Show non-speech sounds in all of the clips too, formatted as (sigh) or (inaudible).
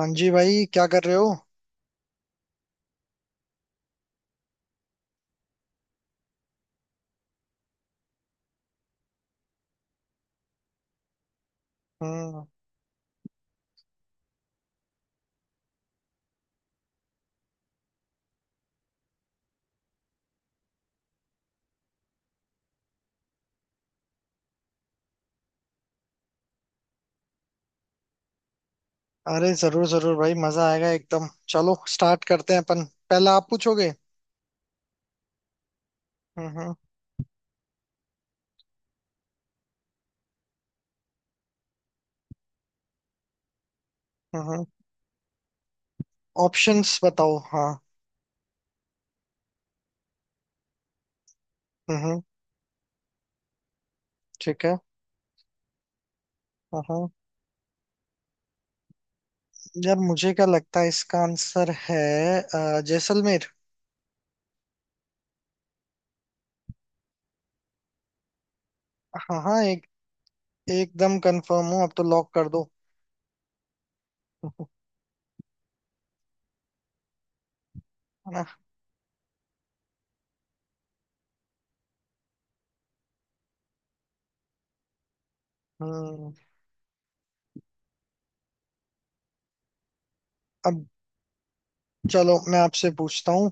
हाँ जी भाई, क्या कर रहे हो। हम्म। अरे जरूर जरूर भाई, मजा आएगा एकदम। चलो स्टार्ट करते हैं अपन। पहला आप पूछोगे। हम्म। हम्म। ऑप्शंस बताओ, हाँ। हम्म। ठीक है। हम्म। जब मुझे क्या लगता है इसका आंसर है जैसलमेर। हाँ हाँ, एक एकदम कंफर्म हूँ, अब तो लॉक कर दो। हम्म। अब चलो मैं आपसे पूछता हूँ।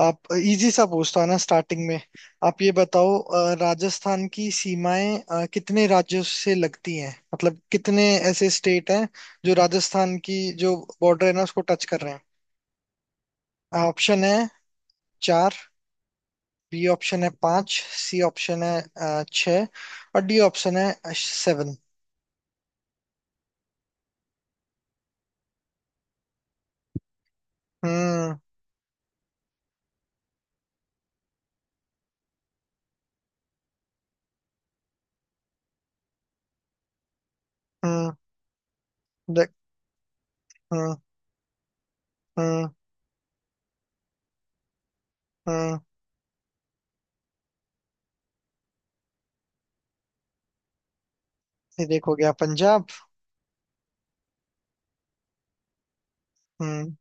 आप इजी सा पूछता हूँ ना स्टार्टिंग में। आप ये बताओ, राजस्थान की सीमाएं कितने राज्यों से लगती हैं, मतलब कितने ऐसे स्टेट हैं जो राजस्थान की जो बॉर्डर है ना उसको टच कर रहे हैं। ऑप्शन है चार। बी ऑप्शन है पांच। सी ऑप्शन है छह। और डी ऑप्शन है सेवन। हम्म। हम्म। देख। हम्म। हम्म। हम्म। ये देखो गया पंजाब। हम्म।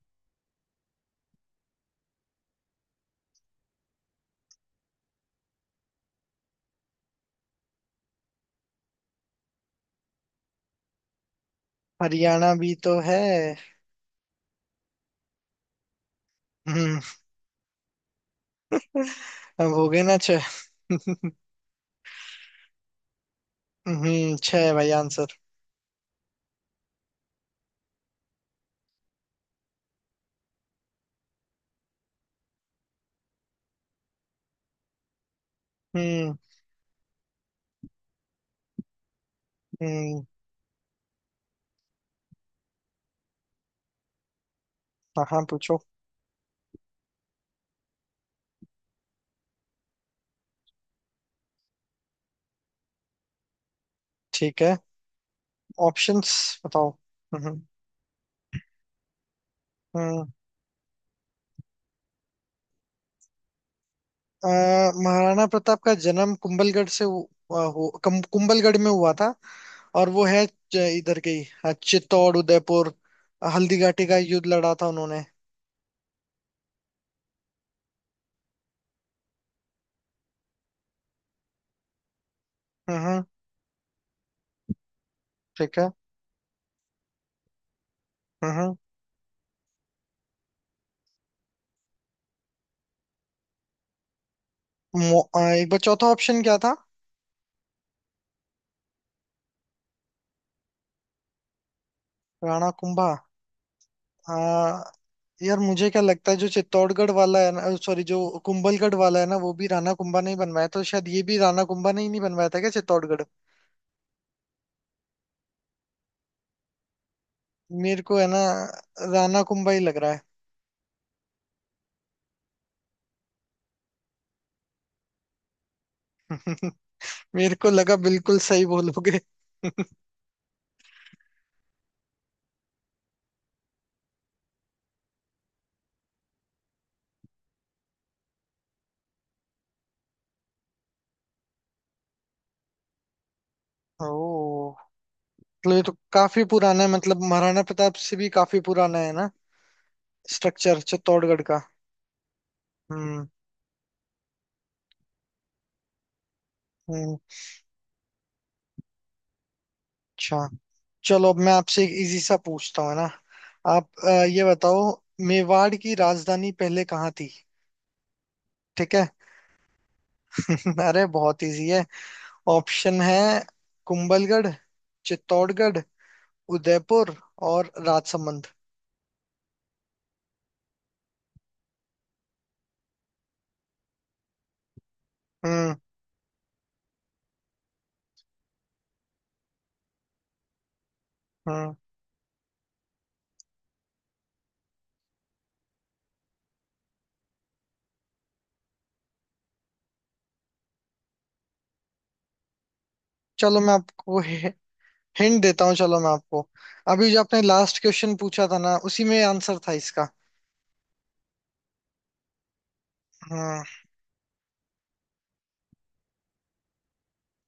हरियाणा भी तो है। हम्म। अब हो गए ना छह? (laughs) हम्म, छह है भाई आंसर। हम्म। हम्म। हाँ, पूछो। ठीक है। ऑप्शंस बताओ। हम्म। हम्म। अ, महाराणा प्रताप का जन्म कुंभलगढ़ से हु- अ, हु- कम- कुंभलगढ़ में हुआ था। और वो है इधर के ही, चित्तौड़ उदयपुर। हल्दीघाटी का युद्ध लड़ा था उन्होंने। हम्म। ठीक है। हम्म। एक बार चौथा ऑप्शन क्या था? राणा कुंभा। यार मुझे क्या लगता है जो चित्तौड़गढ़ वाला है ना, सॉरी, जो कुंभलगढ़ वाला है ना, वो भी राणा कुंभा ने ही बनवाया, तो शायद ये भी राणा कुंभा ने ही नहीं बनवाया था क्या, चित्तौड़गढ़? मेरे को है ना, राणा कुंभा ही लग रहा है। (laughs) मेरे को लगा बिल्कुल सही बोलोगे। (laughs) ओ, मतलब ये तो काफी पुराना है, मतलब महाराणा प्रताप से भी काफी पुराना है ना, स्ट्रक्चर चित्तौड़गढ़ का। हम्म। हम्म। अच्छा। चलो अब मैं आपसे एक इजी सा पूछता हूँ है ना। आप ये बताओ, मेवाड़ की राजधानी पहले कहाँ थी? ठीक है। (laughs) अरे बहुत इजी है। ऑप्शन है कुंभलगढ़, चित्तौड़गढ़, उदयपुर और राजसमंद। हम्म। हम्म। चलो मैं आपको हिंट देता हूँ, चलो मैं आपको अभी जो आपने लास्ट क्वेश्चन पूछा था ना उसी में आंसर था इसका। हम्म।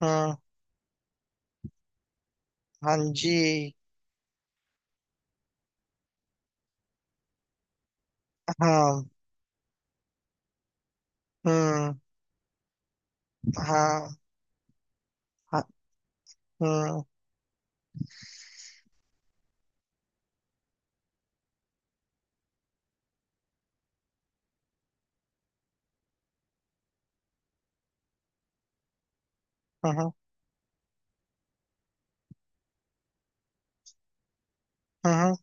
हम्म। हाँ जी। हाँ। हम्म। हाँ। हाँ, हम्म। हम्म। हम्म।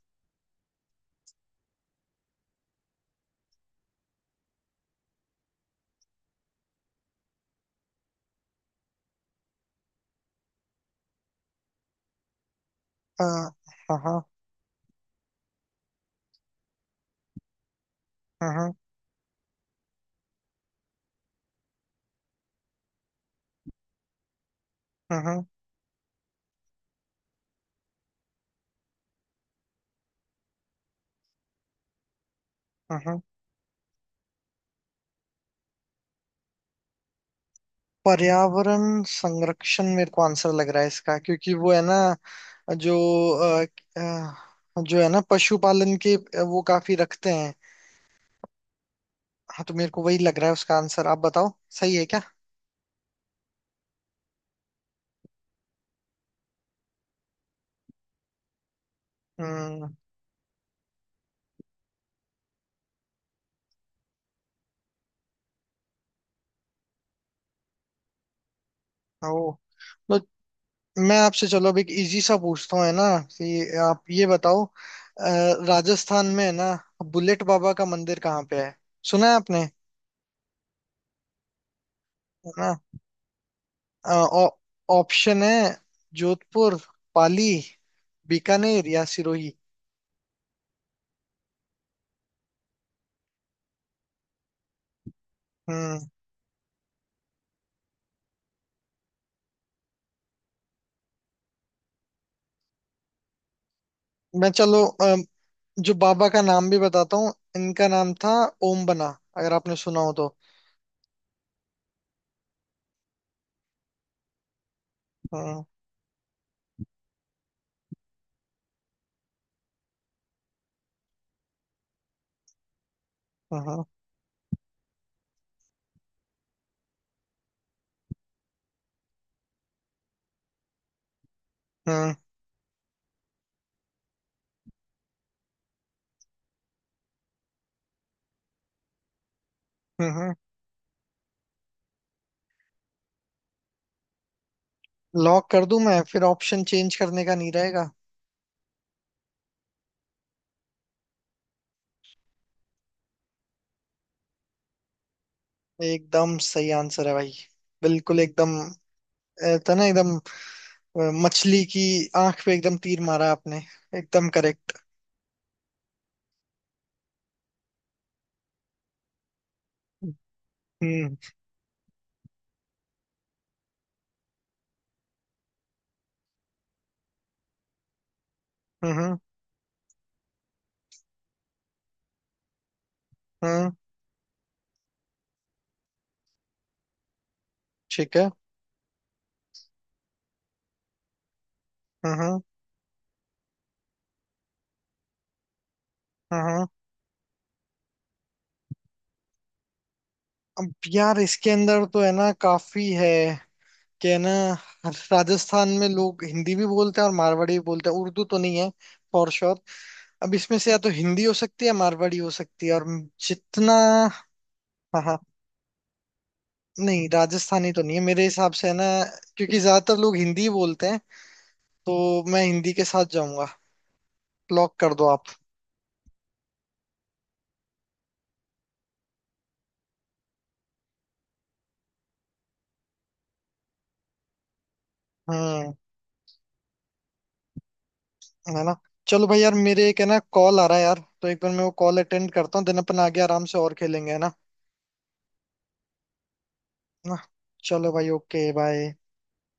हाँ। हाँ। हाँ। हाँ। हाँ। हाँ। पर्यावरण संरक्षण मेरे को आंसर लग रहा है इसका, क्योंकि वो है ना, जो अ, अ, जो है ना पशुपालन के वो काफी रखते हैं। हाँ, तो मेरे को वही लग रहा है उसका आंसर, आप बताओ सही है क्या? हम्म। ओ। तो मैं आपसे चलो अब एक इजी सा पूछता हूँ है ना कि आप ये बताओ राजस्थान में है ना बुलेट बाबा का मंदिर कहाँ पे है? सुना है आपने है ना? अ, ऑ- ऑप्शन है जोधपुर, पाली, बीकानेर या सिरोही। हम्म। मैं चलो जो बाबा का नाम भी बताता हूँ, इनका नाम था ओम बना, अगर आपने सुना हो तो। हम्म। हम्म। हम्म। हम्म। लॉक कर दूं मैं, फिर ऑप्शन चेंज करने का नहीं रहेगा। एकदम सही आंसर है भाई। बिल्कुल एकदम था ना एकदम। मछली की आंख पे एकदम तीर मारा आपने, एकदम करेक्ट। हम्म। हम्म। हम्म। ठीक है। हम्म। हम्म। हम्म। अब यार इसके अंदर तो है ना काफी है कि है ना, राजस्थान में लोग हिंदी भी बोलते हैं और मारवाड़ी भी बोलते हैं, उर्दू तो नहीं है फॉर श्योर। अब इसमें से या तो हिंदी हो सकती है या मारवाड़ी हो सकती है, और जितना। हाँ हाँ। नहीं, राजस्थानी तो नहीं है मेरे हिसाब से है ना, क्योंकि ज्यादातर लोग हिंदी ही बोलते हैं, तो मैं हिंदी के साथ जाऊंगा, लॉक कर दो आप। हम्म। है ना? चलो भाई यार, मेरे एक है ना कॉल आ रहा है यार, तो एक बार मैं वो कॉल अटेंड करता हूँ, देन अपन आगे आराम से और खेलेंगे है ना? है ना? चलो भाई, ओके बाय।